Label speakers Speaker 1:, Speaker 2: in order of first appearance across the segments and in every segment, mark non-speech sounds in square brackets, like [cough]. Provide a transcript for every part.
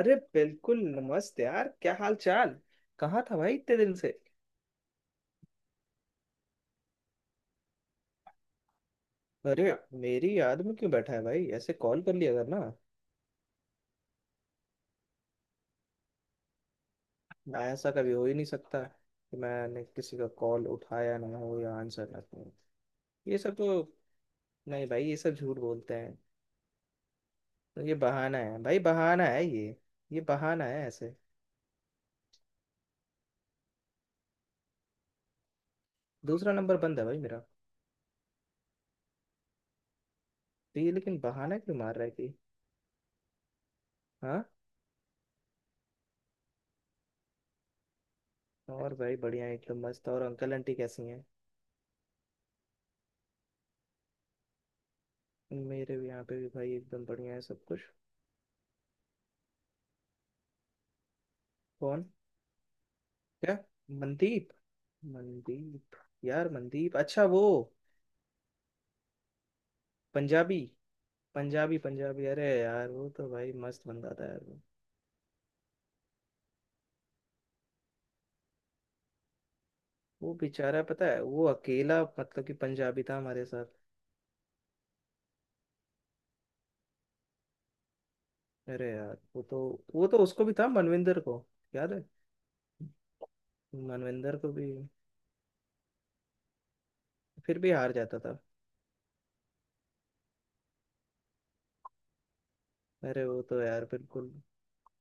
Speaker 1: अरे बिल्कुल! नमस्ते यार, क्या हाल चाल? कहाँ था भाई इतने दिन से? अरे मेरी याद में क्यों बैठा है भाई? ऐसे कॉल कर लिया करना। ना, ऐसा कभी हो ही नहीं सकता कि मैंने किसी का कॉल उठाया ना हो या आंसर ना हो। ये सब तो। नहीं भाई, ये सब झूठ बोलते हैं। तो ये बहाना है भाई, बहाना है ये। ये बहाना है ऐसे। दूसरा नंबर बंद है भाई मेरा। तो ये लेकिन बहाना क्यों मार रहा है कि। हाँ। और भाई बढ़िया, एकदम मस्त। और अंकल आंटी कैसी हैं? मेरे भी यहाँ पे भी भाई एकदम बढ़िया है सब कुछ। कौन? क्या? मनदीप? मनदीप। यार मनदीप, अच्छा वो। पंजाबी। पंजाबी पंजाबी! अरे यार वो तो भाई मस्त बंदा था यार वो। वो बेचारा पता है, वो अकेला मतलब कि पंजाबी था हमारे साथ। अरे यार वो तो। वो तो उसको भी था, मनविंदर को। याद है। मनविंदर को भी। फिर भी हार जाता था। अरे वो तो यार बिल्कुल।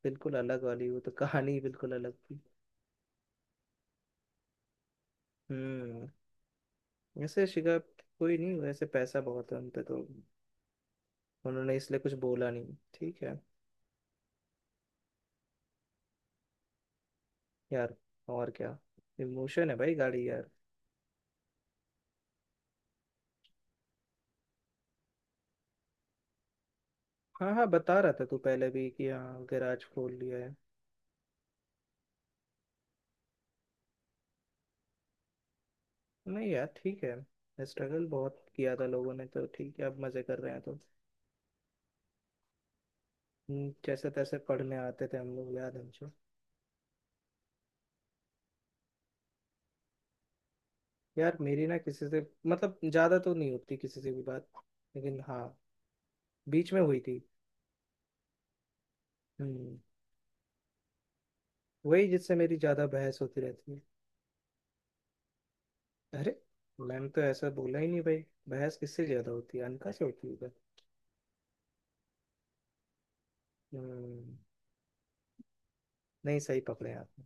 Speaker 1: बिल्कुल अलग वाली, वो तो कहानी बिल्कुल अलग थी। हम्म। वैसे शिखा। कोई नहीं, वैसे पैसा बहुत है उन पे तो। उन्होंने इसलिए कुछ बोला नहीं, ठीक है। यार। और क्या। इमोशन है भाई, गाड़ी यार। हाँ हाँ, बता रहा था तू पहले भी कि हाँ गैराज खोल लिया है। नहीं यार ठीक है, स्ट्रगल बहुत किया था लोगों ने तो ठीक है, अब मजे कर रहे हैं तो। जैसे तैसे पढ़ने आते थे हम लोग, याद है हमको। यार मेरी ना किसी से। मतलब ज्यादा तो नहीं होती किसी से भी बात। लेकिन हाँ। बीच में हुई थी। हम्म। वही जिससे मेरी ज्यादा बहस होती रहती है। अरे मैम तो ऐसा बोला ही नहीं भाई। बहस किससे ज्यादा होती है? अनका से होती है। हम्म। नहीं, सही पकड़े आपने।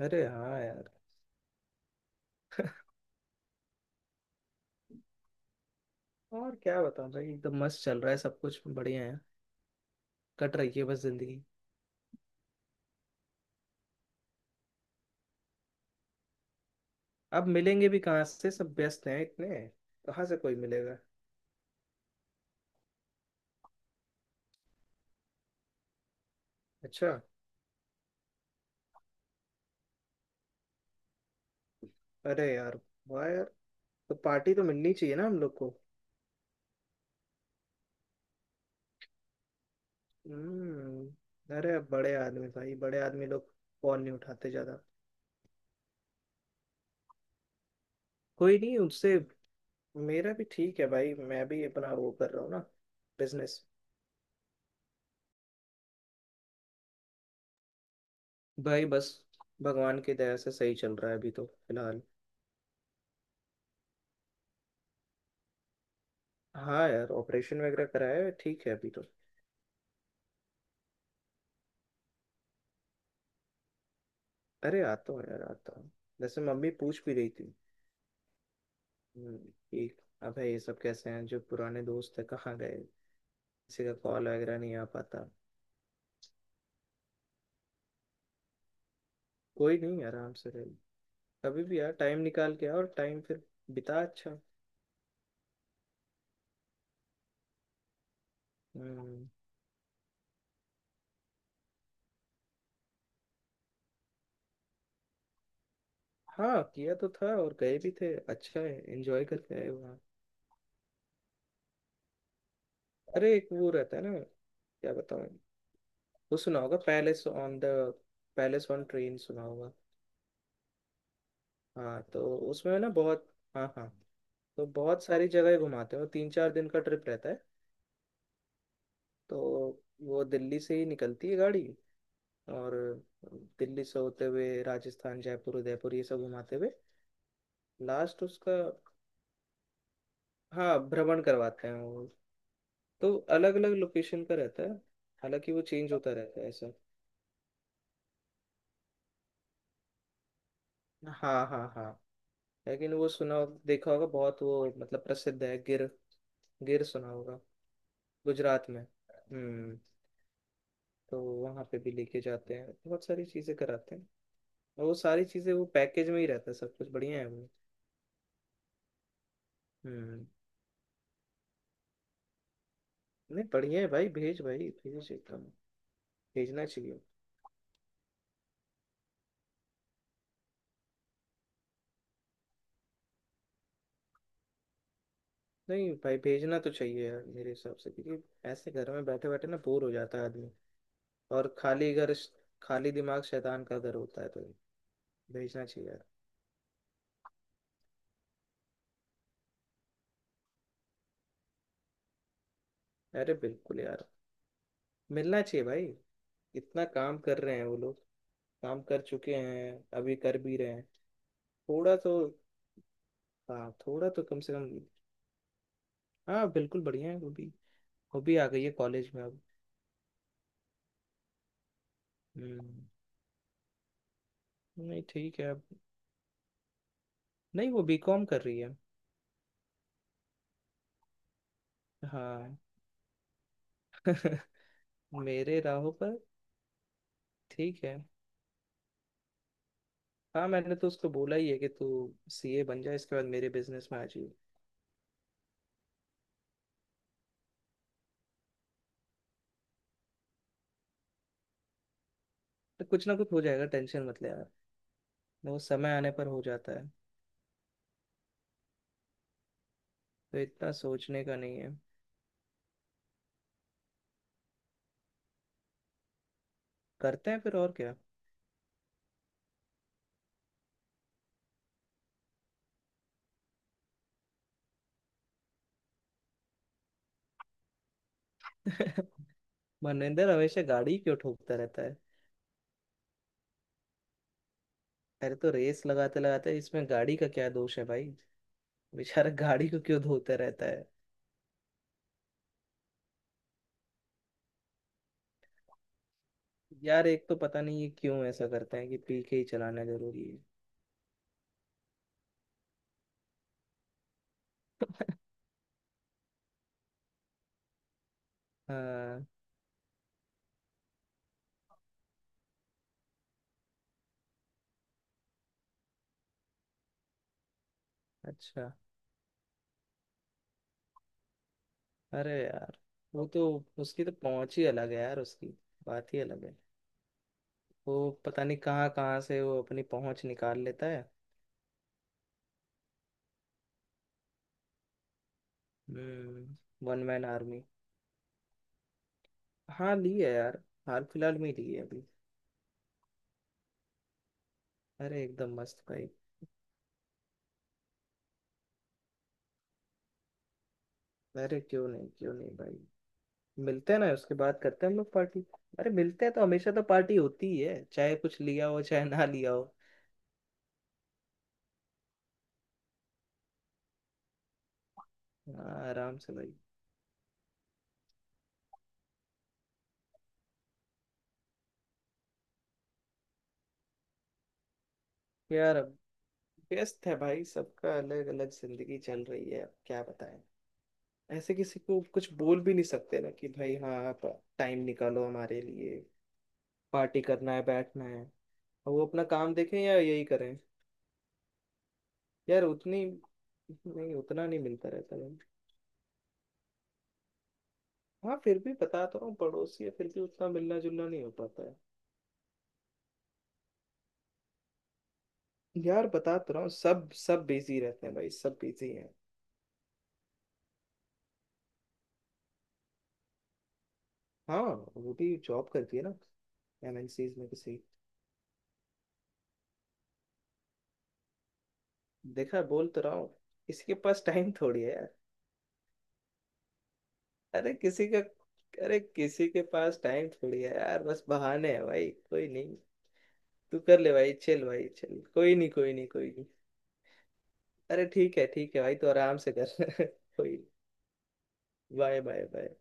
Speaker 1: अरे हाँ यार। और क्या बताऊं भाई, एकदम मस्त चल रहा है, सब कुछ बढ़िया है। कट रही है बस जिंदगी। अब मिलेंगे भी कहाँ से, सब व्यस्त हैं इतने। कहाँ से कोई मिलेगा। अच्छा। अरे यार। वाह यार। तो पार्टी तो मिलनी चाहिए ना हम लोग को। अरे अब बड़े आदमी भाई, बड़े आदमी लोग। फोन नहीं उठाते ज्यादा। कोई नहीं उनसे। मेरा भी ठीक है भाई, मैं भी अपना वो कर रहा हूँ ना। बिजनेस। भाई बस। भगवान की दया से सही चल रहा है अभी तो फिलहाल। हाँ यार, ऑपरेशन वगैरह कराया है, ठीक है अभी तो। अरे आता हूँ यार, आता हूँ। वैसे मम्मी पूछ भी रही थी। कि। अब है ये सब कैसे हैं, जो पुराने दोस्त है, कहाँ गए। किसी का कॉल वगैरह नहीं आ पाता। कोई नहीं, आराम से रहे। कभी भी यार टाइम निकाल के, और टाइम फिर बिता। अच्छा। हम्म। हाँ किया तो था, और गए भी थे। अच्छा है, एंजॉय करके आए वहाँ। अरे एक वो रहता है ना। क्या बताऊँ। वो सुना होगा, palace on the. Palace on train सुना होगा। हाँ तो। उसमें ना बहुत। हाँ हाँ। तो बहुत सारी जगह घुमाते हो, 3-4 दिन का ट्रिप रहता है। तो वो दिल्ली से ही निकलती है गाड़ी। और दिल्ली से होते हुए राजस्थान, जयपुर, उदयपुर ये सब घुमाते हुए। लास्ट उसका। हाँ, भ्रमण करवाते हैं वो। तो अलग अलग लोकेशन का रहता है। हालांकि वो चेंज होता रहता है, ऐसा। हाँ हाँ हाँ। लेकिन वो सुना। देखा होगा बहुत वो, मतलब प्रसिद्ध है गिर। गिर सुना होगा। गुजरात में। हम्म। तो वहाँ पे भी लेके जाते हैं, बहुत सारी चीज़ें कराते हैं। वो सारी चीजें वो पैकेज में ही रहता है, सब कुछ बढ़िया है वो। हम्म। नहीं बढ़िया है भाई, भेज भाई भेज एकदम। भेजना चाहिए। नहीं भाई, भेजना तो चाहिए यार मेरे हिसाब से क्योंकि। ऐसे घर में बैठे बैठे ना बोर हो जाता है आदमी। और खाली घर। खाली दिमाग शैतान का घर होता है तो। भेजना चाहिए यार। अरे बिल्कुल यार। मिलना चाहिए भाई। इतना काम कर रहे हैं वो लोग। काम कर चुके हैं। अभी कर भी रहे हैं। थोड़ा तो। हाँ थोड़ा तो कम से कम। हाँ बिल्कुल, बढ़िया है वो भी। वो भी आ गई है कॉलेज में अब। हम्म। नहीं ठीक है अब। नहीं, वो बीकॉम कर रही है। हाँ। [laughs] मेरे राहों पर। ठीक है। हाँ मैंने तो उसको बोला ही है कि तू। सीए बन जा, इसके बाद मेरे बिजनेस में आ जाइए। तो कुछ ना कुछ हो जाएगा, टेंशन मत ले यार। वो समय आने पर हो जाता है। तो इतना सोचने का नहीं है। करते हैं फिर, और क्या। [laughs] मनिंदर हमेशा गाड़ी क्यों ठोकता रहता है? अरे तो रेस लगाते लगाते इसमें गाड़ी का क्या दोष है भाई। बेचारा गाड़ी को क्यों धोता रहता है। यार एक तो पता नहीं ये क्यों ऐसा करते हैं कि पी के ही चलाना जरूरी है। हाँ। अच्छा। अरे यार वो तो। उसकी तो पहुंच ही अलग है यार उसकी। बात ही अलग है। वो पता नहीं कहाँ कहाँ से वो अपनी पहुंच निकाल लेता है। हम्म। One man army. हाँ ली है यार। हाल फिलहाल में ही ली है अभी। अरे एकदम मस्त भाई। अरे क्यों नहीं, क्यों नहीं भाई। मिलते हैं ना, उसके बाद करते हैं हम लोग पार्टी। अरे मिलते हैं तो हमेशा तो पार्टी होती ही है, चाहे कुछ लिया हो चाहे ना लिया हो। हाँ आराम से भाई। यार अब। व्यस्त है भाई सबका, अलग अलग जिंदगी चल रही है अब, क्या बताएं। ऐसे किसी को कुछ बोल भी नहीं सकते ना कि भाई, हाँ आप। टाइम निकालो हमारे लिए। पार्टी करना है, बैठना है। और वो अपना काम देखें या यही करें। यार उतनी। नहीं, उतना नहीं मिलता रहता है। हाँ फिर भी बता तो रहा हूँ, पड़ोसी है फिर भी उतना मिलना जुलना नहीं हो पाता है। यार बता तो रहा हूँ, सब सब बिजी रहते हैं भाई, सब बिजी हैं। हाँ। वो भी जॉब करती है ना। एमएनसीज में किसी। देखा, बोल तो रहा हूँ। इसके पास टाइम थोड़ी है। अरे किसी का। अरे किसी के पास टाइम थोड़ी है यार, बस बहाने हैं भाई, कोई नहीं। तू कर ले भाई, चल भाई चल, कोई नहीं कोई नहीं कोई नहीं। अरे ठीक है भाई, तू आराम से कर। [laughs] कोई। Bye bye bye.